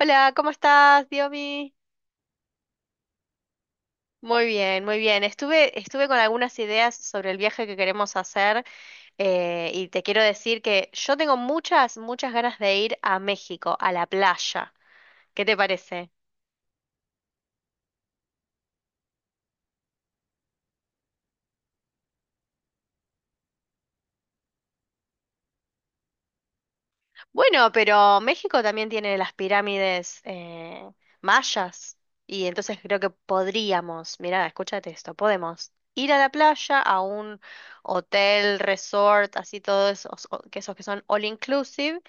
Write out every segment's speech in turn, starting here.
Hola, ¿cómo estás, Diomi? Muy bien, muy bien. Estuve con algunas ideas sobre el viaje que queremos hacer, y te quiero decir que yo tengo muchas, muchas ganas de ir a México, a la playa. ¿Qué te parece? Bueno, pero México también tiene las pirámides, mayas, y entonces creo que podríamos, mirá, escúchate esto, podemos ir a la playa, a un hotel, resort, así todos esos, que esos que son all inclusive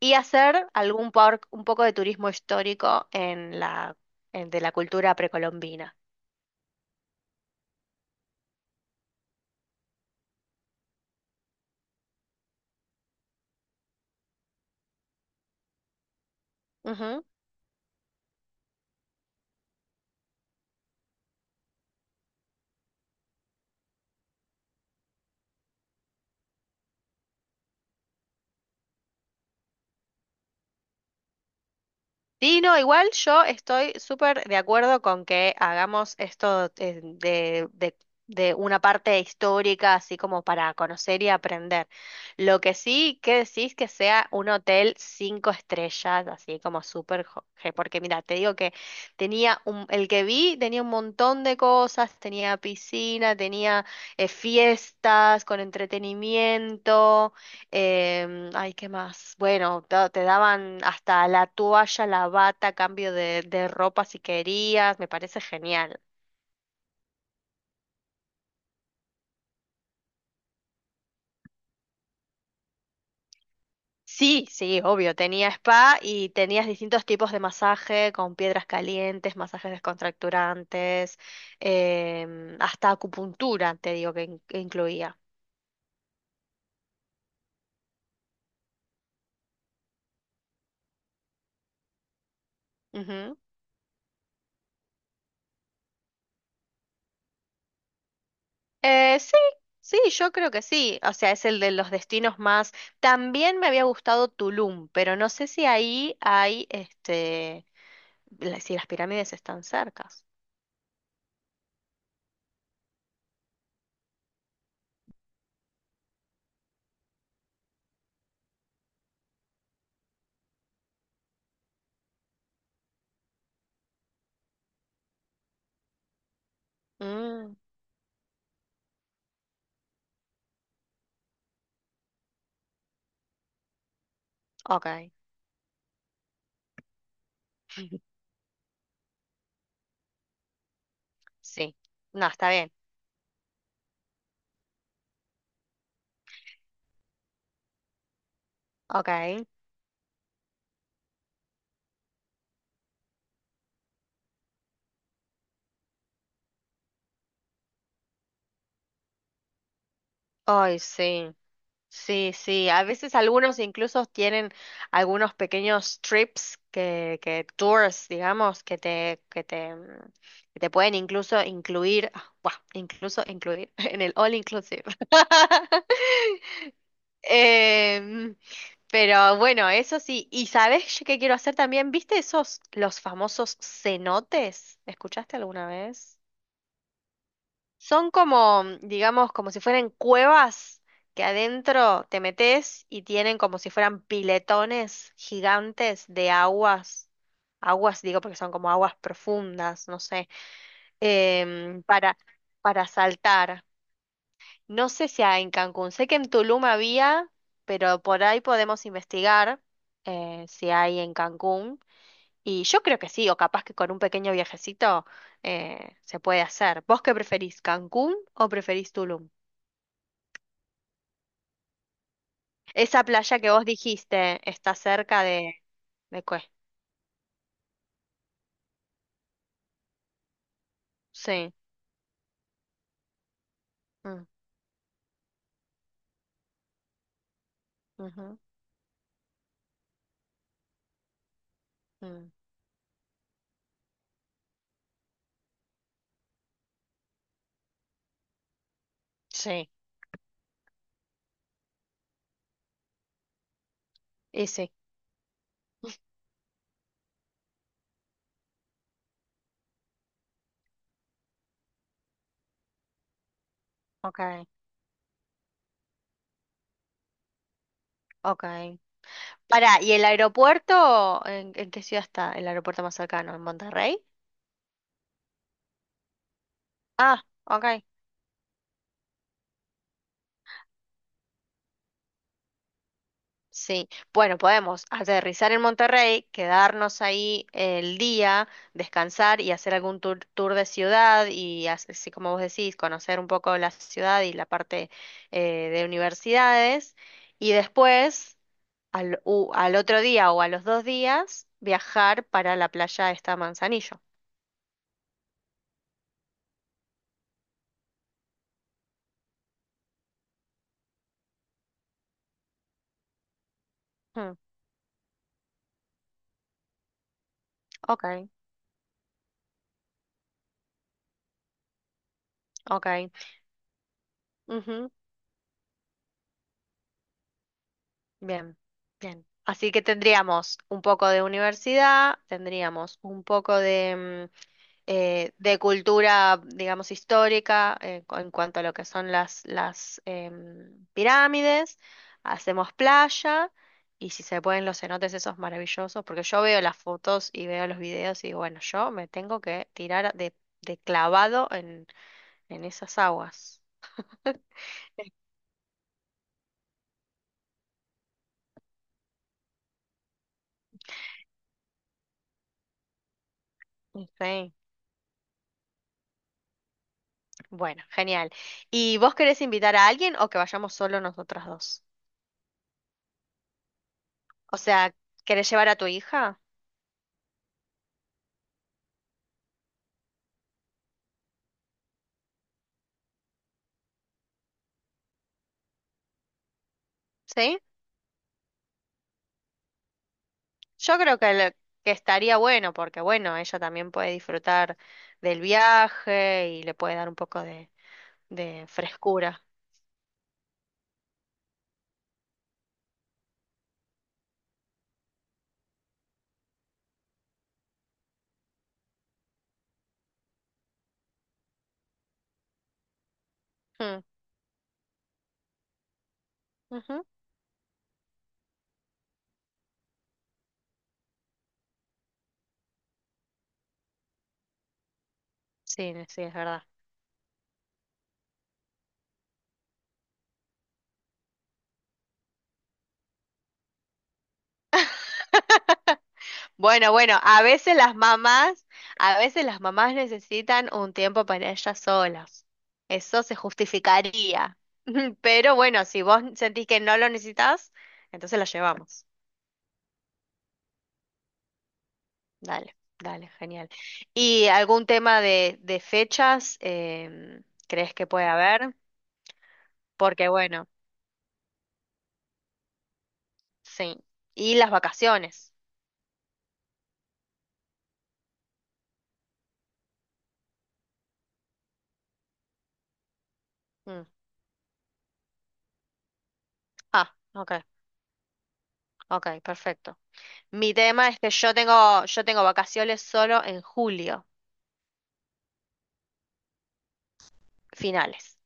y hacer algún un poco de turismo histórico en de la cultura precolombina. Sí, no, igual yo estoy súper de acuerdo con que hagamos esto, de una parte histórica, así como para conocer y aprender. Lo que sí, que decís que sea un hotel cinco estrellas, así como súper, porque mira, te digo que el que vi tenía un montón de cosas, tenía piscina, tenía, fiestas con entretenimiento. Ay, ¿qué más? Bueno, daban hasta la toalla, la bata, cambio de ropa si querías, me parece genial. Sí, sí, obvio, tenía spa y tenías distintos tipos de masaje con piedras calientes, masajes descontracturantes, hasta acupuntura, te digo que que incluía. Ujú. Sí, sí, yo creo que sí. O sea, es el de los destinos más. También me había gustado Tulum, pero no sé si ahí hay este. Si las pirámides están cercas. Mm, ok. Sí. No, está bien. Ok. Ay, sí. Sí, sí. A veces algunos incluso tienen algunos pequeños trips que tours, digamos, que te pueden incluso incluir, ah, buah, incluso incluir en el all inclusive. Em, pero bueno, eso sí. ¿Y sabes yo qué quiero hacer también? ¿Viste esos, los famosos cenotes? ¿Escuchaste alguna vez? Son como, mm, digamos, como si fueran cuevas que adentro te metes y tienen como si fueran piletones gigantes de aguas. Aguas, digo, porque son como aguas profundas, no sé, em, para, para saltar. No sé si hay en Cancún, sé que en Tulum había, pero por ahí podemos investigar, si hay en Cancún. Y yo creo que sí, o capaz que con un pequeño viajecito, se puede hacer. ¿Vos qué preferís, Cancún o preferís Tulum? Esa playa que vos dijiste está cerca de... ¿De qué? Sí. Mm, ujú, mm. Sí, y sí. Ok, ok. Pará, ¿y el aeropuerto? En qué ciudad está? ¿El aeropuerto más cercano? ¿En Monterrey? Ah, ok. Sí, bueno, podemos aterrizar en Monterrey, quedarnos ahí el día, descansar y hacer algún tour de ciudad y así como vos decís, conocer un poco la ciudad y la parte, de universidades. Y después, al otro día o a los dos días, viajar para la playa esta Manzanillo. Hmm, ok, ok. Ujú. Bien, bien. Así que tendríamos un poco de universidad, tendríamos un poco de... de cultura, digamos, histórica, en cuanto a lo que son las, pirámides, hacemos playa y si se pueden los cenotes esos maravillosos, porque yo veo las fotos y veo los videos y digo, bueno, yo me tengo que tirar de clavado en esas aguas. Sí, bueno, genial. ¿Y vos querés invitar a alguien o que vayamos solo nosotras dos? O sea, ¿querés llevar a tu hija? ¿Sí? Yo creo que estaría bueno porque, bueno, ella también puede disfrutar del viaje y le puede dar un poco de frescura. Mm, ujú. Sí, sí, es verdad. Bueno, bueno, a veces las mamás, a veces las mamás necesitan un tiempo para ellas solas. Eso se justificaría. Pero bueno, si vos sentís que no lo necesitas, entonces la llevamos. Dale, dale, genial. ¿Y algún tema de fechas, crees que puede haber? Porque bueno, sí. Y las vacaciones. Mm. Ah, ok, ok, perfecto. Mi tema es que yo tengo vacaciones solo en julio, finales.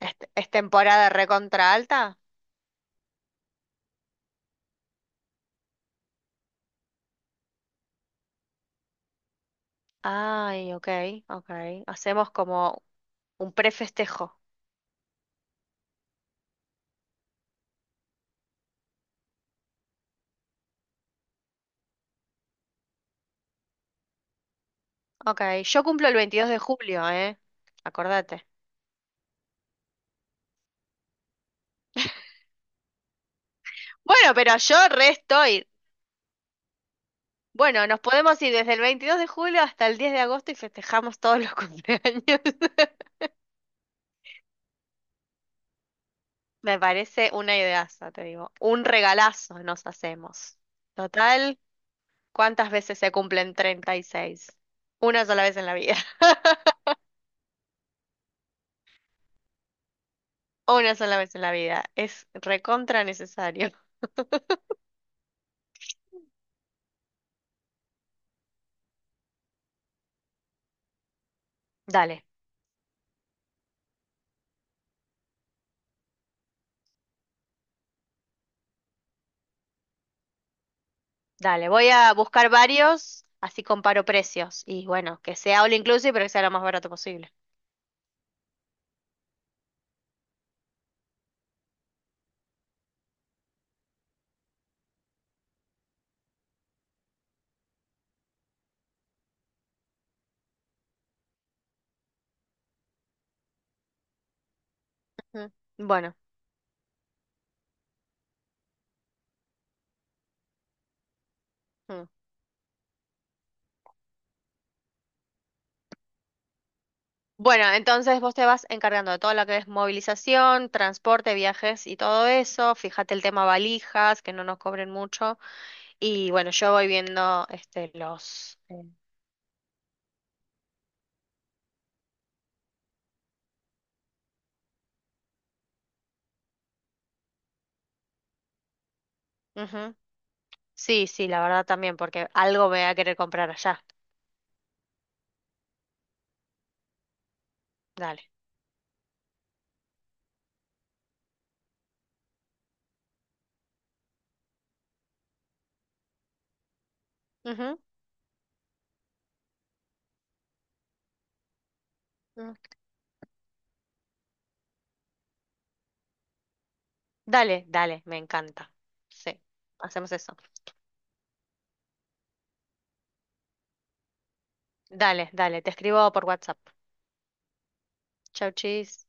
Es temporada recontra alta? Ay, ok, ok. Hacemos como un prefestejo. Ok, yo cumplo el 22 de julio, ¿eh? Acordate. Bueno, pero yo re estoy. Bueno, nos podemos ir desde el 22 de julio hasta el 10 de agosto y festejamos todos los cumpleaños. Me parece una ideaza, te digo. Un regalazo nos hacemos. Total, ¿cuántas veces se cumplen 36? Una sola vez en la vida. Una sola vez en la vida. Es recontra necesario. Dale, dale. Voy a buscar varios, así comparo precios. Y bueno, que sea all inclusive, pero que sea lo más barato posible. Ujú. Bueno. Mm. Bueno, entonces vos te vas encargando de todo lo que es movilización, transporte, viajes y todo eso. Fíjate el tema valijas, que no nos cobren mucho. Y bueno, yo voy viendo este los. Ujú. Sí, sí, la verdad también, porque algo me voy a querer comprar allá. Dale. Ujú, mm. Dale, dale, me encanta. Sí, hacemos eso. Dale, dale, te escribo por WhatsApp. Chau, chis.